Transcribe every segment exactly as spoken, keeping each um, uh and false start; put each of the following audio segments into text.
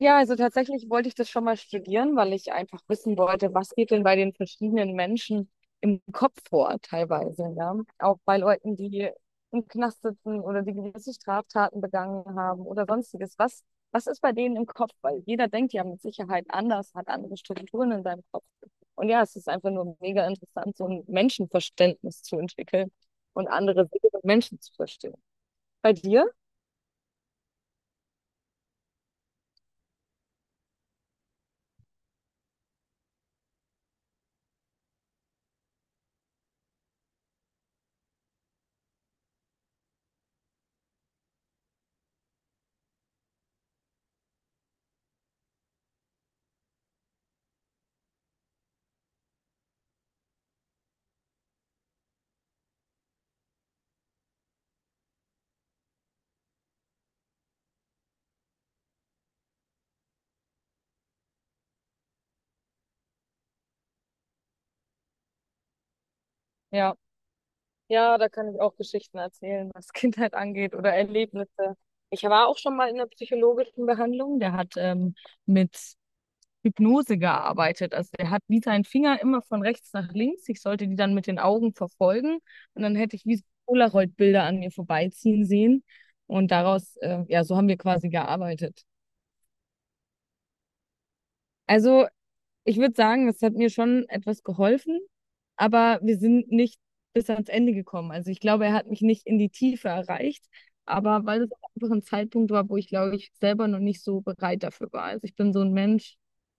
Ja, also tatsächlich wollte ich das schon mal studieren, weil ich einfach wissen wollte, was geht denn bei den verschiedenen Menschen im Kopf vor, teilweise, ja. Auch bei Leuten, die im Knast sitzen oder die gewisse Straftaten begangen haben oder sonstiges. Was, was ist bei denen im Kopf? Weil jeder denkt ja mit Sicherheit anders, hat andere Strukturen in seinem Kopf. Und ja, es ist einfach nur mega interessant, so ein Menschenverständnis zu entwickeln und andere Wege von Menschen zu verstehen. Bei dir? Ja. Ja, da kann ich auch Geschichten erzählen, was Kindheit angeht oder Erlebnisse. Ich war auch schon mal in der psychologischen Behandlung. Der hat ähm, mit Hypnose gearbeitet. Also der hat wie seinen Finger immer von rechts nach links. Ich sollte die dann mit den Augen verfolgen und dann hätte ich wie so Polaroid-Bilder an mir vorbeiziehen sehen. Und daraus, äh, ja, so haben wir quasi gearbeitet. Also, ich würde sagen, es hat mir schon etwas geholfen, aber wir sind nicht bis ans Ende gekommen. Also ich glaube, er hat mich nicht in die Tiefe erreicht, aber weil es auch einfach ein Zeitpunkt war, wo ich, glaube ich, selber noch nicht so bereit dafür war. Also ich bin so ein Mensch,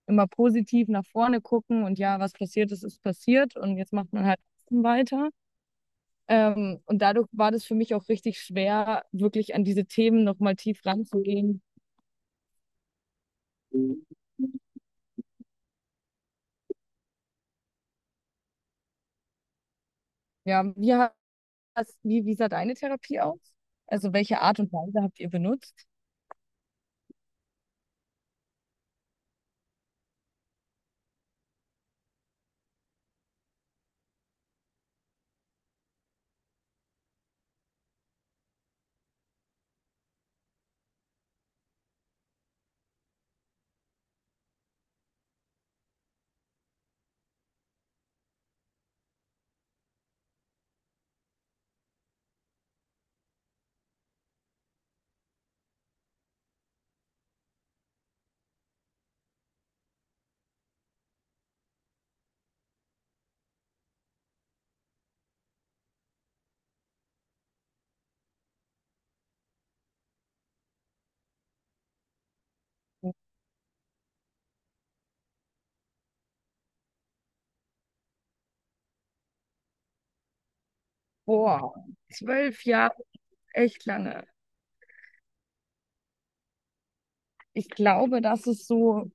immer positiv nach vorne gucken und ja, was passiert ist, ist passiert und jetzt macht man halt trotzdem weiter. Ähm, und dadurch war das für mich auch richtig schwer, wirklich an diese Themen nochmal tief ranzugehen. Ja, wir Was, wie, wie sah deine Therapie aus? Also welche Art und Weise habt ihr benutzt? Boah, zwölf Jahre, echt lange. Ich glaube, das ist so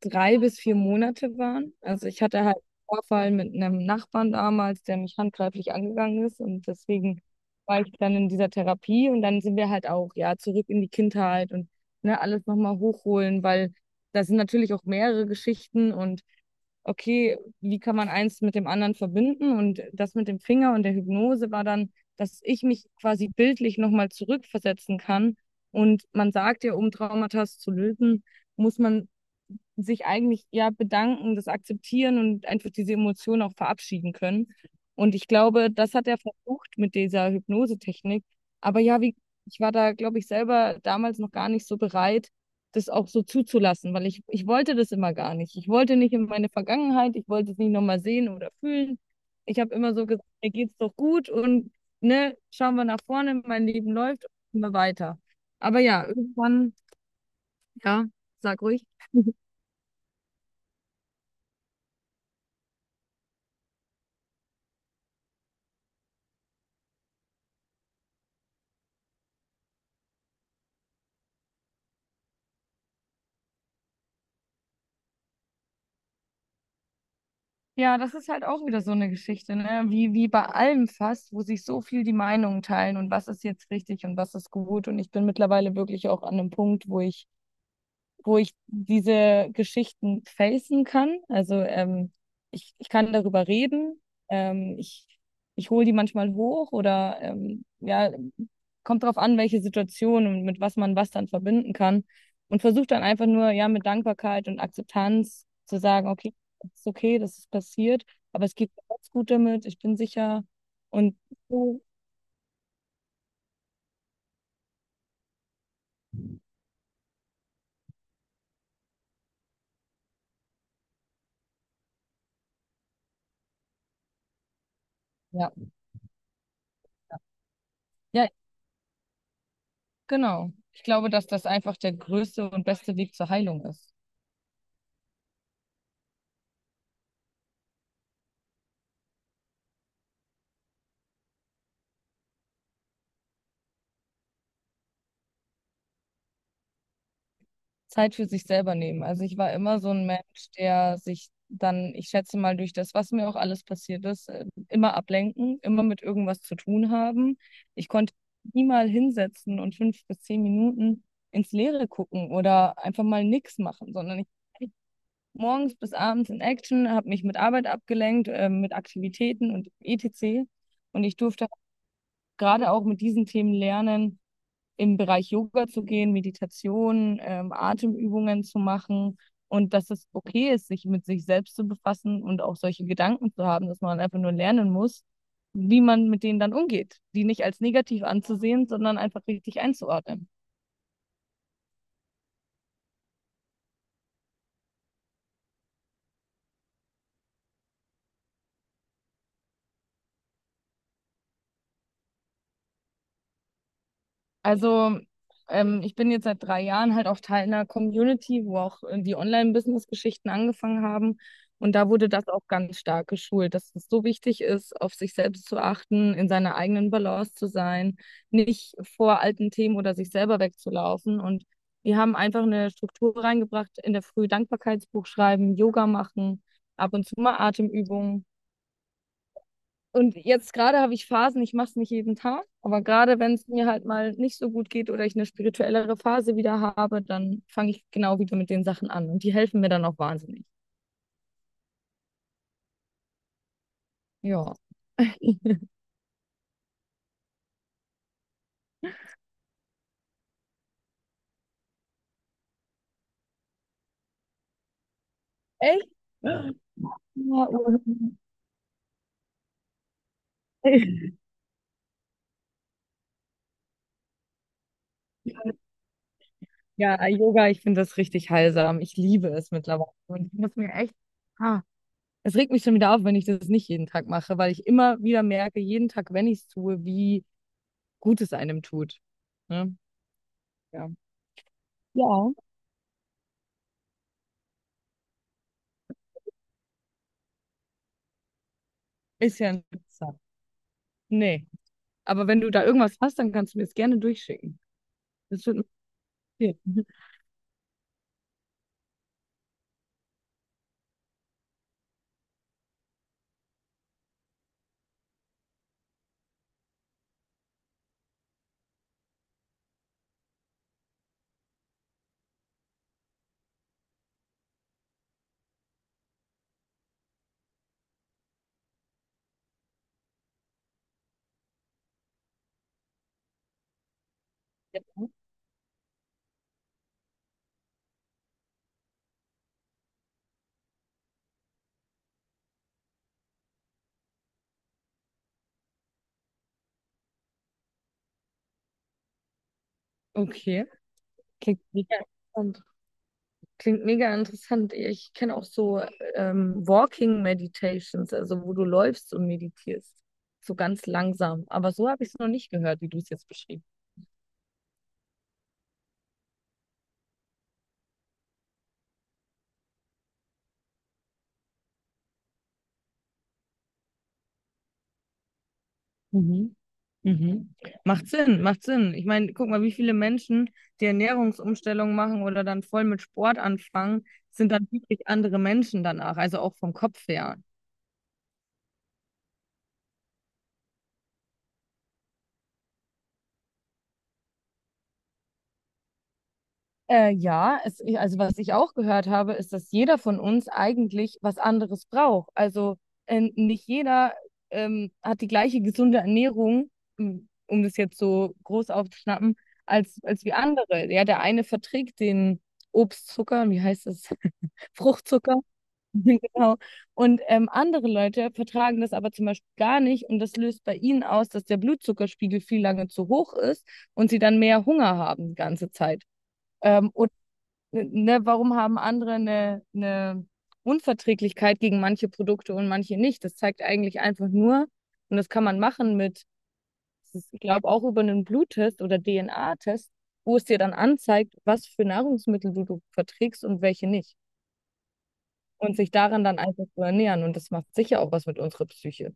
drei bis vier Monate waren. Also ich hatte halt einen Vorfall mit einem Nachbarn damals, der mich handgreiflich angegangen ist und deswegen war ich dann in dieser Therapie und dann sind wir halt auch ja zurück in die Kindheit und ne, alles nochmal hochholen, weil das sind natürlich auch mehrere Geschichten und okay, wie kann man eins mit dem anderen verbinden? Und das mit dem Finger und der Hypnose war dann, dass ich mich quasi bildlich nochmal zurückversetzen kann. Und man sagt ja, um Traumata zu lösen, muss man sich eigentlich ja bedanken, das akzeptieren und einfach diese Emotionen auch verabschieden können. Und ich glaube, das hat er versucht mit dieser Hypnosetechnik. Aber ja, wie, ich war da, glaube ich, selber damals noch gar nicht so bereit, das auch so zuzulassen, weil ich, ich wollte das immer gar nicht. Ich wollte nicht in meine Vergangenheit, ich wollte es nicht nochmal sehen oder fühlen. Ich habe immer so gesagt, mir geht's doch gut und ne, schauen wir nach vorne, mein Leben läuft immer weiter. Aber ja, irgendwann, ja, sag ruhig. Ja, das ist halt auch wieder so eine Geschichte, ne? Wie, wie bei allem fast, wo sich so viel die Meinungen teilen und was ist jetzt richtig und was ist gut. Und ich bin mittlerweile wirklich auch an einem Punkt, wo ich wo ich diese Geschichten facen kann. Also ähm, ich, ich kann darüber reden. Ähm, ich ich hole die manchmal hoch oder ähm, ja, kommt drauf an, welche Situation und mit was man was dann verbinden kann. Und versuche dann einfach nur, ja, mit Dankbarkeit und Akzeptanz zu sagen, okay, es ist okay, das ist passiert, aber es geht mir ganz gut damit, ich bin sicher. Und so, ja, ja, genau. Ich glaube, dass das einfach der größte und beste Weg zur Heilung ist. Zeit für sich selber nehmen. Also ich war immer so ein Mensch, der sich dann, ich schätze mal, durch das, was mir auch alles passiert ist, äh, immer ablenken, immer mit irgendwas zu tun haben. Ich konnte nie mal hinsetzen und fünf bis zehn Minuten ins Leere gucken oder einfach mal nichts machen, sondern ich war morgens bis abends in Action, habe mich mit Arbeit abgelenkt, äh, mit Aktivitäten und et cetera. Und ich durfte gerade auch mit diesen Themen lernen, im Bereich Yoga zu gehen, Meditation, ähm, Atemübungen zu machen und dass es okay ist, sich mit sich selbst zu befassen und auch solche Gedanken zu haben, dass man einfach nur lernen muss, wie man mit denen dann umgeht, die nicht als negativ anzusehen, sondern einfach richtig einzuordnen. Also, ähm, ich bin jetzt seit drei Jahren halt auch Teil einer Community, wo auch äh, die Online-Business-Geschichten angefangen haben. Und da wurde das auch ganz stark geschult, dass es so wichtig ist, auf sich selbst zu achten, in seiner eigenen Balance zu sein, nicht vor alten Themen oder sich selber wegzulaufen. Und wir haben einfach eine Struktur reingebracht, in der Früh Dankbarkeitsbuch schreiben, Yoga machen, ab und zu mal Atemübungen. Und jetzt gerade habe ich Phasen, ich mache es nicht jeden Tag, aber gerade wenn es mir halt mal nicht so gut geht oder ich eine spirituellere Phase wieder habe, dann fange ich genau wieder mit den Sachen an. Und die helfen mir dann auch wahnsinnig. Ja. Echt? Ja, oder- ja, Yoga, ich finde das richtig heilsam. Ich liebe es mittlerweile. Und ich muss mir echt, ah, es regt mich schon wieder auf, wenn ich das nicht jeden Tag mache, weil ich immer wieder merke, jeden Tag, wenn ich es tue, wie gut es einem tut. Ne? Ja. Ja. Ist ja interessant. Nee. Aber wenn du da irgendwas hast, dann kannst du mir es gerne durchschicken. Das würde mich interessieren. Ja. Okay. Klingt mega interessant. Klingt mega interessant. Ich kenne auch so ähm, Walking Meditations, also wo du läufst und meditierst. So ganz langsam. Aber so habe ich es noch nicht gehört, wie du es jetzt beschrieben hast. Mhm. Macht Sinn, macht Sinn. Ich meine, guck mal, wie viele Menschen die Ernährungsumstellung machen oder dann voll mit Sport anfangen, sind dann wirklich andere Menschen danach, also auch vom Kopf her. Äh, ja, es, also was ich auch gehört habe, ist, dass jeder von uns eigentlich was anderes braucht. Also äh, nicht jeder ähm, hat die gleiche gesunde Ernährung, m, um das jetzt so groß aufzuschnappen, als, als wie andere. Ja, der eine verträgt den Obstzucker, wie heißt es? Fruchtzucker. Genau. Und ähm, andere Leute vertragen das aber zum Beispiel gar nicht und das löst bei ihnen aus, dass der Blutzuckerspiegel viel lange zu hoch ist und sie dann mehr Hunger haben die ganze Zeit. Ähm, ne, warum haben andere eine, eine Unverträglichkeit gegen manche Produkte und manche nicht? Das zeigt eigentlich einfach nur, und das kann man machen mit, das ist, ich glaube, auch über einen Bluttest oder D N A-Test, wo es dir dann anzeigt, was für Nahrungsmittel du, du verträgst und welche nicht. Und sich daran dann einfach zu ernähren. Und das macht sicher auch was mit unserer Psyche.